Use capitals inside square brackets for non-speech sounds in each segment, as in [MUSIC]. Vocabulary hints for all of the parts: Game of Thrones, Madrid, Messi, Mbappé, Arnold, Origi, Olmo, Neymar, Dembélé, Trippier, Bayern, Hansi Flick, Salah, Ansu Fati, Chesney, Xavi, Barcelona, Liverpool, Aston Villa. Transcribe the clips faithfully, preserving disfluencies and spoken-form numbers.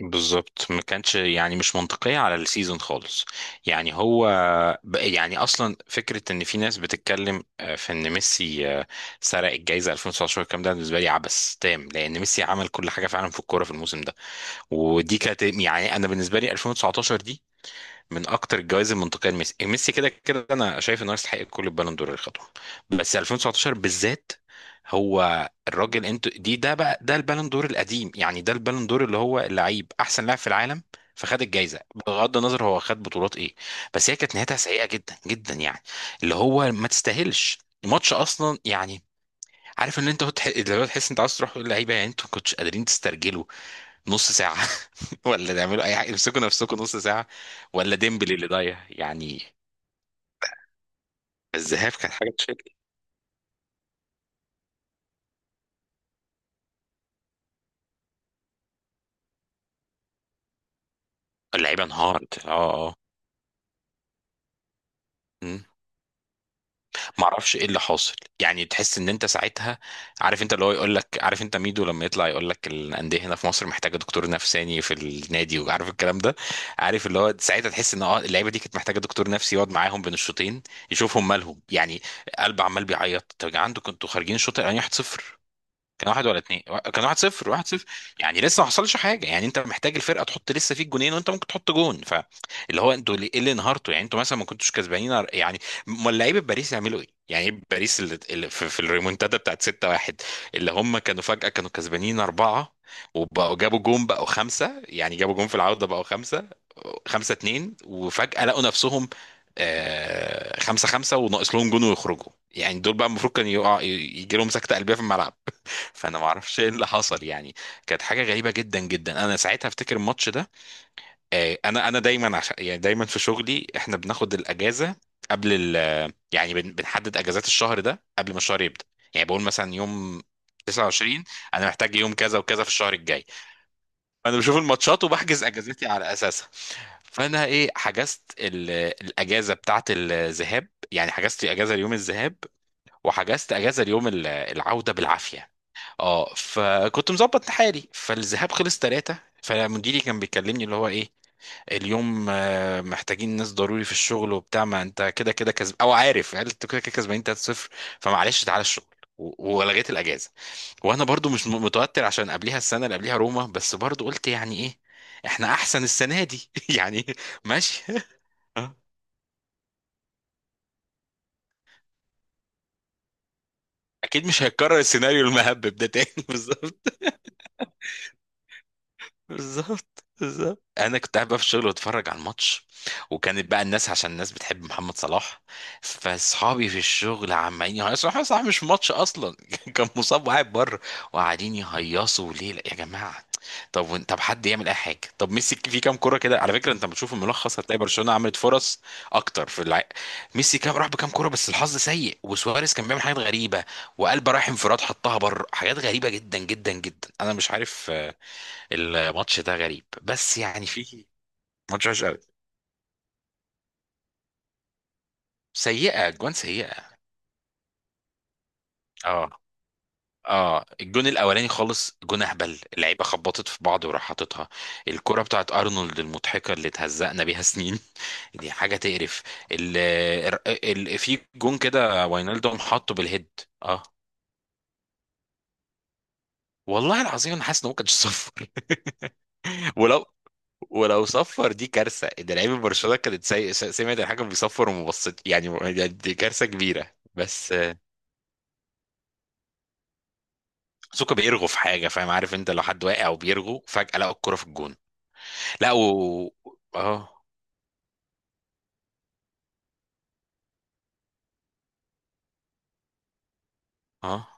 بالظبط، ما كانتش يعني مش منطقية على السيزون خالص. يعني هو ب- يعني أصلا فكرة إن في ناس بتتكلم آه، في إن ميسي آه، سرق الجايزة ألفين وتسعتاشر. الكلام ده بالنسبة لي عبث تام، لأن ميسي عمل كل حاجة فعلا في الكورة في الموسم ده. ودي كانت يعني، أنا بالنسبة لي ألفين وتسعتاشر دي من اكتر الجوائز المنطقيه لميسي. إيه، ميسي كده كده انا شايف انه يستحق كل البالون دور اللي خدهم، بس ألفين وتسعتاشر بالذات هو الراجل. انت دي ده بقى ده البالون دور القديم، يعني ده البالون دور اللي هو اللعيب احسن لاعب في العالم، فخد الجايزه بغض النظر هو خد بطولات ايه. بس هي كانت نهايتها سيئه جدا جدا، يعني اللي هو ما تستاهلش الماتش اصلا يعني. عارف ان انت تح... اللي هو تحس انت عايز تروح تقول للعيبه، يعني انتوا ما كنتش قادرين تسترجلوا نص ساعة [LAUGHS] ولا تعملوا أي حاجة؟ امسكوا نفسكم نص ساعة، ولا ديمبلي اللي ضايع يعني. الذهاب كانت حاجة تشكل. اللعيبة انهارت، اه اه. مم. معرفش ايه اللي حاصل يعني. تحس ان انت ساعتها عارف انت، اللي هو يقول لك عارف انت ميدو لما يطلع يقول لك الانديه هنا في مصر محتاجه دكتور نفساني في النادي وعارف الكلام ده. عارف اللي هو ساعتها تحس ان اه، اللعيبه دي كانت محتاجه دكتور نفسي يقعد معاهم بين الشوطين يشوفهم مالهم يعني. قلب عمال بيعيط. طب يا جدعان، انتوا كنتوا خارجين الشوط الاولاني واحد صفر. كان واحد ولا اتنين، وا- كان واحد صفر، واحد صفر. يعني لسه ما حصلش حاجه، يعني انت محتاج الفرقه تحط لسه فيك جونين وانت ممكن تحط جون. فاللي هو انتوا ليه- ايه اللي انهارتوا يعني؟ انتوا مثلا ما كنتوش كسبانين أر- يعني. امال لعيبه باريس يعملوا ايه؟ يعني ايه باريس اللي اللي في, في الريمونتادا بتاعت ستة واحد، اللي هم كانوا فجاه كانوا كسبانين اربعه، وبقوا جابوا جون بقوا خمسه، يعني جابوا جون في العوده بقوا خمسه، خمسه اتنين، وفجاه لقوا نفسهم آه، خمسة خمسة وناقص لهم جون ويخرجوا. يعني دول بقى المفروض كان يقع يجي لهم سكتة قلبية في الملعب. فانا ما اعرفش ايه اللي حصل يعني، كانت حاجه غريبه جدا جدا. انا ساعتها افتكر الماتش ده. آه، انا انا دايما، عشان يعني دايما في شغلي احنا بناخد الاجازه قبل ال يعني بن- بنحدد اجازات الشهر ده قبل ما الشهر يبدا. يعني بقول مثلا يوم تسعة وعشرين انا محتاج، يوم كذا وكذا في الشهر الجاي. فانا بشوف الماتشات وبحجز اجازتي على اساسها. فانا ايه حجزت ال- الاجازه بتاعت الذهاب، يعني حجزت اجازه ليوم الذهاب، وحجزت اجازه اليوم ال- العوده بالعافيه. اه، فكنت مظبط حالي. فالذهاب خلص ثلاثة، فمديري كان بيكلمني اللي هو ايه، اليوم آه، محتاجين ناس ضروري في الشغل وبتاع، ما انت كده كده كسب او، عارف يعني انت كده كده كسبانين ثلاثة صفر، فمعلش تعالى الشغل. و- ولغيت الاجازه. وانا برضو مش م- متوتر، عشان قبليها السنه اللي قبليها روما، بس برضو قلت يعني ايه احنا احسن السنه دي [LAUGHS] يعني. ماشي [LAUGHS] اكيد مش هيتكرر السيناريو المهبب ده تاني [LAUGHS] بالظبط بالظبط بالظبط. انا كنت قاعد بقى في الشغل واتفرج على الماتش، وكانت بقى الناس، عشان الناس بتحب محمد صلاح، فاصحابي في الشغل عمالين يهيصوا محمد صلاح، مش في ماتش اصلا [LAUGHS] كان مصاب وقاعد بره، وقاعدين يهيصوا ليه. لا يا جماعه، طب وإن- طب حد يعمل اي حاجه، طب ميسي في كام كوره كده على فكره؟ انت بتشوف الملخص هتلاقي برشلونه عملت فرص اكتر في الع... ميسي كام راح بكام كوره؟ بس الحظ سيء، وسواريز كان بيعمل حاجات غريبه، وقلب رايح انفراد حطها بره. حاجات غريبه جدا جدا جدا، انا مش عارف الماتش ده غريب، بس يعني في ماتش وحش قوي، سيئه اجوان سيئه. اه اه. الجون الاولاني خالص جون اهبل، اللعيبه خبطت في بعض وراح حاططها الكره بتاعت ارنولد المضحكه اللي اتهزقنا بيها سنين [LAUGHS] دي حاجه تقرف. ال ال في جون كده واينالدوم حطه بالهيد. اه والله العظيم، انا حاسس ان هو كان صفر [LAUGHS] ولو ولو صفر دي كارثه، ده لعيبه برشلونه كانت سي- سمعت الحاجه بيصفر وما بصت، يعني دي كارثه كبيره. بس سوكا بيرغو في حاجه فاهم؟ عارف انت، لو حد واقع وبيرغو فجاه لقى الكره في الجون. لا و اه اه.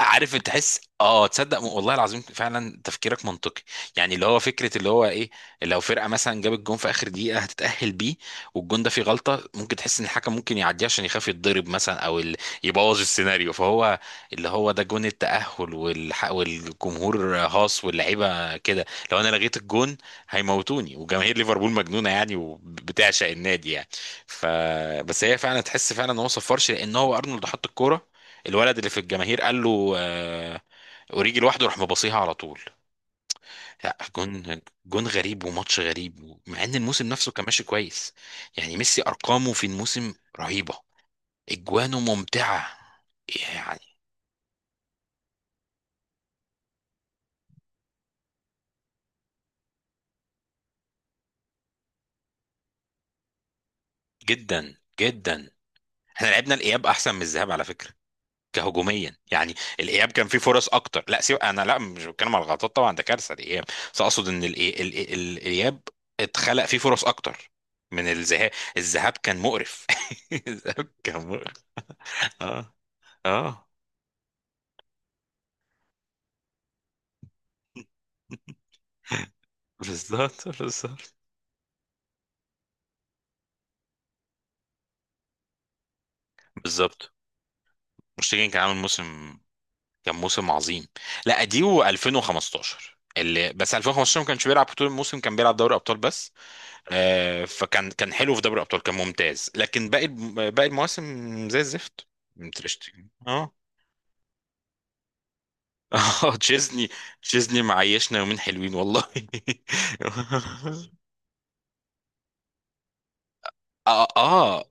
عارف انت تحس، اه، تصدق والله العظيم فعلا تفكيرك منطقي، يعني اللي هو فكره اللي هو ايه، لو فرقه مثلا جابت جون في اخر دقيقه هتتاهل بيه، والجون ده فيه غلطه، ممكن تحس ان الحكم ممكن يعديه عشان يخاف يتضرب مثلا، او ال- يبوظ السيناريو، فهو اللي هو ده جون التاهل والح... والجمهور هاص واللعيبه كده، لو انا لغيت الجون هيموتوني، وجماهير ليفربول مجنونه يعني وبتعشق النادي يعني. ف بس هي فعلا تحس فعلا ان هو صفرش، لان هو ارنولد حط الكوره، الولد اللي في الجماهير قال له، آه، اوريجي لوحده راح مباصيها على طول. لا جون، جون غريب وماتش غريب، مع ان الموسم نفسه كان ماشي كويس، يعني ميسي ارقامه في الموسم رهيبه، اجوانه ممتعه يعني جدا جدا. احنا لعبنا الاياب احسن من الذهاب على فكره، كهجوميا يعني. الاياب كان فيه فرص اكتر، لا سيب انا، لا مش بتكلم على الغلطات، طبعا ده كارثه الاياب، بس اقصد ان الإي- ال- ال- الاياب اتخلق فيه فرص اكتر من الذهاب. الذهاب كان مقرف [LAUGHS] الذهاب كان مقرف. اه اه. بالظبط بالظبط بالظبط. مشتاقين، كان عامل موسم، كان موسم عظيم. لا دي و2015، اللي بس ألفين وخمستاشر ما كانش بيلعب طول الموسم، كان بيلعب دوري ابطال بس. آه، فكان كان حلو في دوري الابطال، كان ممتاز، لكن باقي باقي المواسم زي الزفت. تريشتجن اه [LAUGHS] اه تشيزني، تشيزني معيشنا يومين حلوين والله [LAUGHS] اه اه،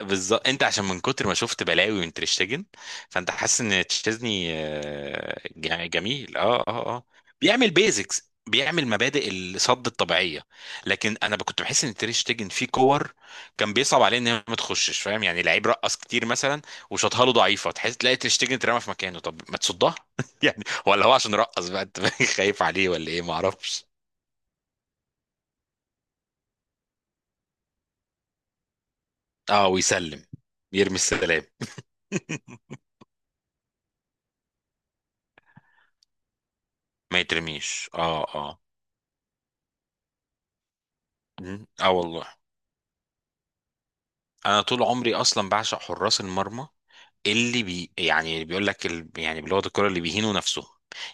بالظبط. انت عشان من كتر ما شفت بلاوي من تريشتجن، فانت حاسس ان تشيزني آه، جا- جميل. اه اه اه. بيعمل بيزكس، بيعمل مبادئ الصد الطبيعيه. لكن انا ب- كنت بحس ان تريشتجن فيه كور كان بيصعب عليه ان هي ما تخشش، فاهم يعني؟ لعيب رقص كتير مثلا، وشاطها له ضعيفه، تحس تلاقي تريشتجن اترمى في مكانه، طب ما تصدها [LAUGHS] يعني. ولا هو عشان رقص بقى انت [LAUGHS] خايف عليه، ولا ايه؟ ما اعرفش. اه ويسلم، يرمي السلام [LAUGHS] ما يترميش، اه اه. مم. اه والله، انا طول عمري اصلا بعشق حراس المرمى، اللي بي يعني بيقول لك ال... يعني بلغه الكوره اللي بيهينوا نفسهم.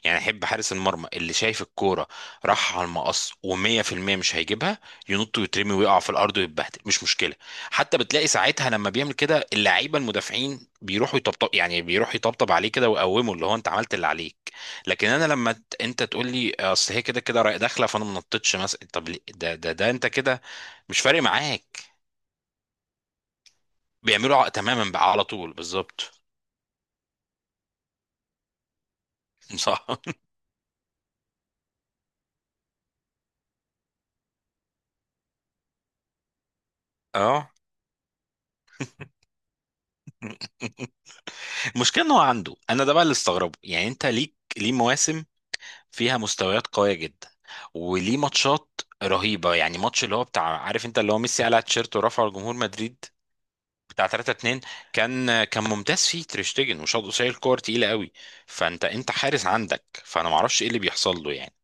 يعني احب حارس المرمى اللي شايف الكوره راح على المقص و100% مش هيجيبها، ينط ويترمي ويقع في الارض ويتبهدل مش مشكله. حتى بتلاقي ساعتها لما بيعمل كده، اللعيبه المدافعين بيروحوا يطبطب، يعني بيروح يطبطب عليه كده ويقومه، اللي هو انت عملت اللي عليك. لكن انا لما ت- انت تقول لي اصل هي كده كده رايح داخله، فانا ما نطيتش مثلا، طب ليه؟ ده ده ده انت كده مش فارق معاك. بيعملوا ع- تماما بقى، على طول بالظبط [LAUGHS] صح. اه. المشكله ان هو عنده، انا ده بقى اللي استغربه، يعني انت ليك ليه مواسم فيها مستويات قويه جدا، وليه ماتشات رهيبه. يعني ماتش اللي هو بتاع، عارف انت اللي هو ميسي قلع التيشيرت ورفعه لجمهور مدريد، بتاع ثلاثة اتنين، كان كان ممتاز فيه تريشتجن، وشاط قصير كور تقيله قوي، فانت انت حارس عندك، فانا ما اعرفش ايه اللي بيحصل له يعني.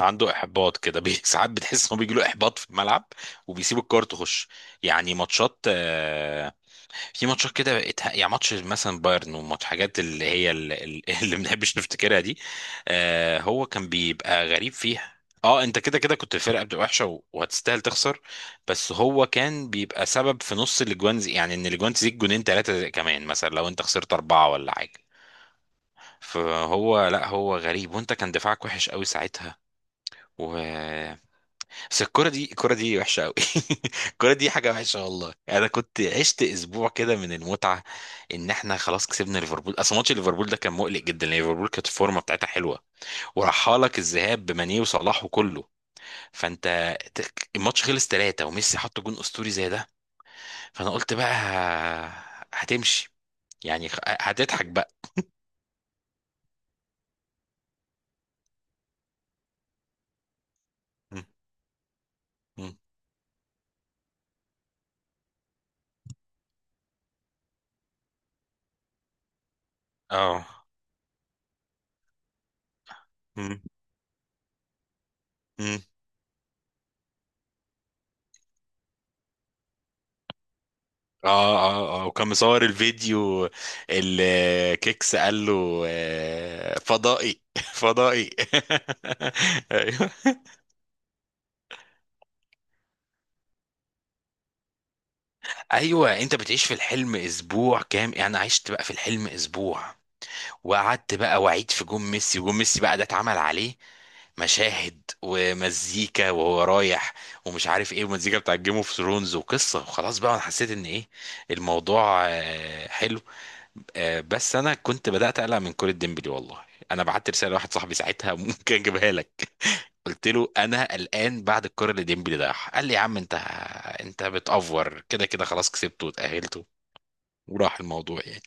عنده احباط كده [LAUGHS] بي- ساعات بتحس انه بيجي له احباط في الملعب وبيسيب الكوره تخش. يعني ماتشات آه، في ماتشات كده اتها- يعني ماتش مثلا بايرن، وماتش حاجات اللي هي ال- ال- [LAUGHS] اللي ما بنحبش نفتكرها دي. آه، هو كان بيبقى غريب فيها، اه. انت كده كده كنت الفرقه بتبقى وحشه و- وهتستاهل تخسر، بس هو كان بيبقى سبب في نص الاجوان زي، يعني ان الاجوان تزيد جونين ثلاثه كمان مثلا لو انت خسرت اربعه ولا حاجه. فهو لا، هو غريب، وانت كان دفاعك وحش قوي ساعتها. و بس الكرة دي الكرة دي وحشة قوي [LAUGHS] الكرة دي حاجة وحشة والله يعني. انا كنت عشت اسبوع كده من المتعة ان احنا خلاص كسبنا ليفربول، اصل ماتش ليفربول ده كان مقلق جدا، لان ليفربول كانت الفورمة بتاعتها حلوة، وراحها لك الذهاب بماني وصلاح وكله، فانت ت- الماتش خلص ثلاثة وميسي حط جون اسطوري زي ده، فانا قلت بقى ه- هتمشي، يعني خ- هتضحك بقى. م- م- اه. م- م. اه اه اه. وكان مصور الفيديو الكيكس قال له آه، فضائي [LAUGHS] فضائي [LAUGHS] ايوه ايوه. انت بتعيش في الحلم اسبوع كام يعني، انا عشت بقى في الحلم اسبوع، وقعدت بقى واعيد في جون ميسي، وجون ميسي بقى ده اتعمل عليه مشاهد ومزيكا وهو رايح، ومش عارف ايه، ومزيكا بتاع جيم اوف ثرونز وقصه، وخلاص بقى انا حسيت ان ايه، الموضوع آه، حلو. آه، بس انا كنت بدات اقلق من كرة ديمبلي والله. انا بعت رساله لواحد صاحبي ساعتها [LAUGHS] ممكن اجيبها لك. قلت له انا قلقان بعد الكرة اللي ديمبلي ضيعها، قال لي يا عم انت انت بتأفور كده كده خلاص كسبته وتأهلته، وراح الموضوع يعني.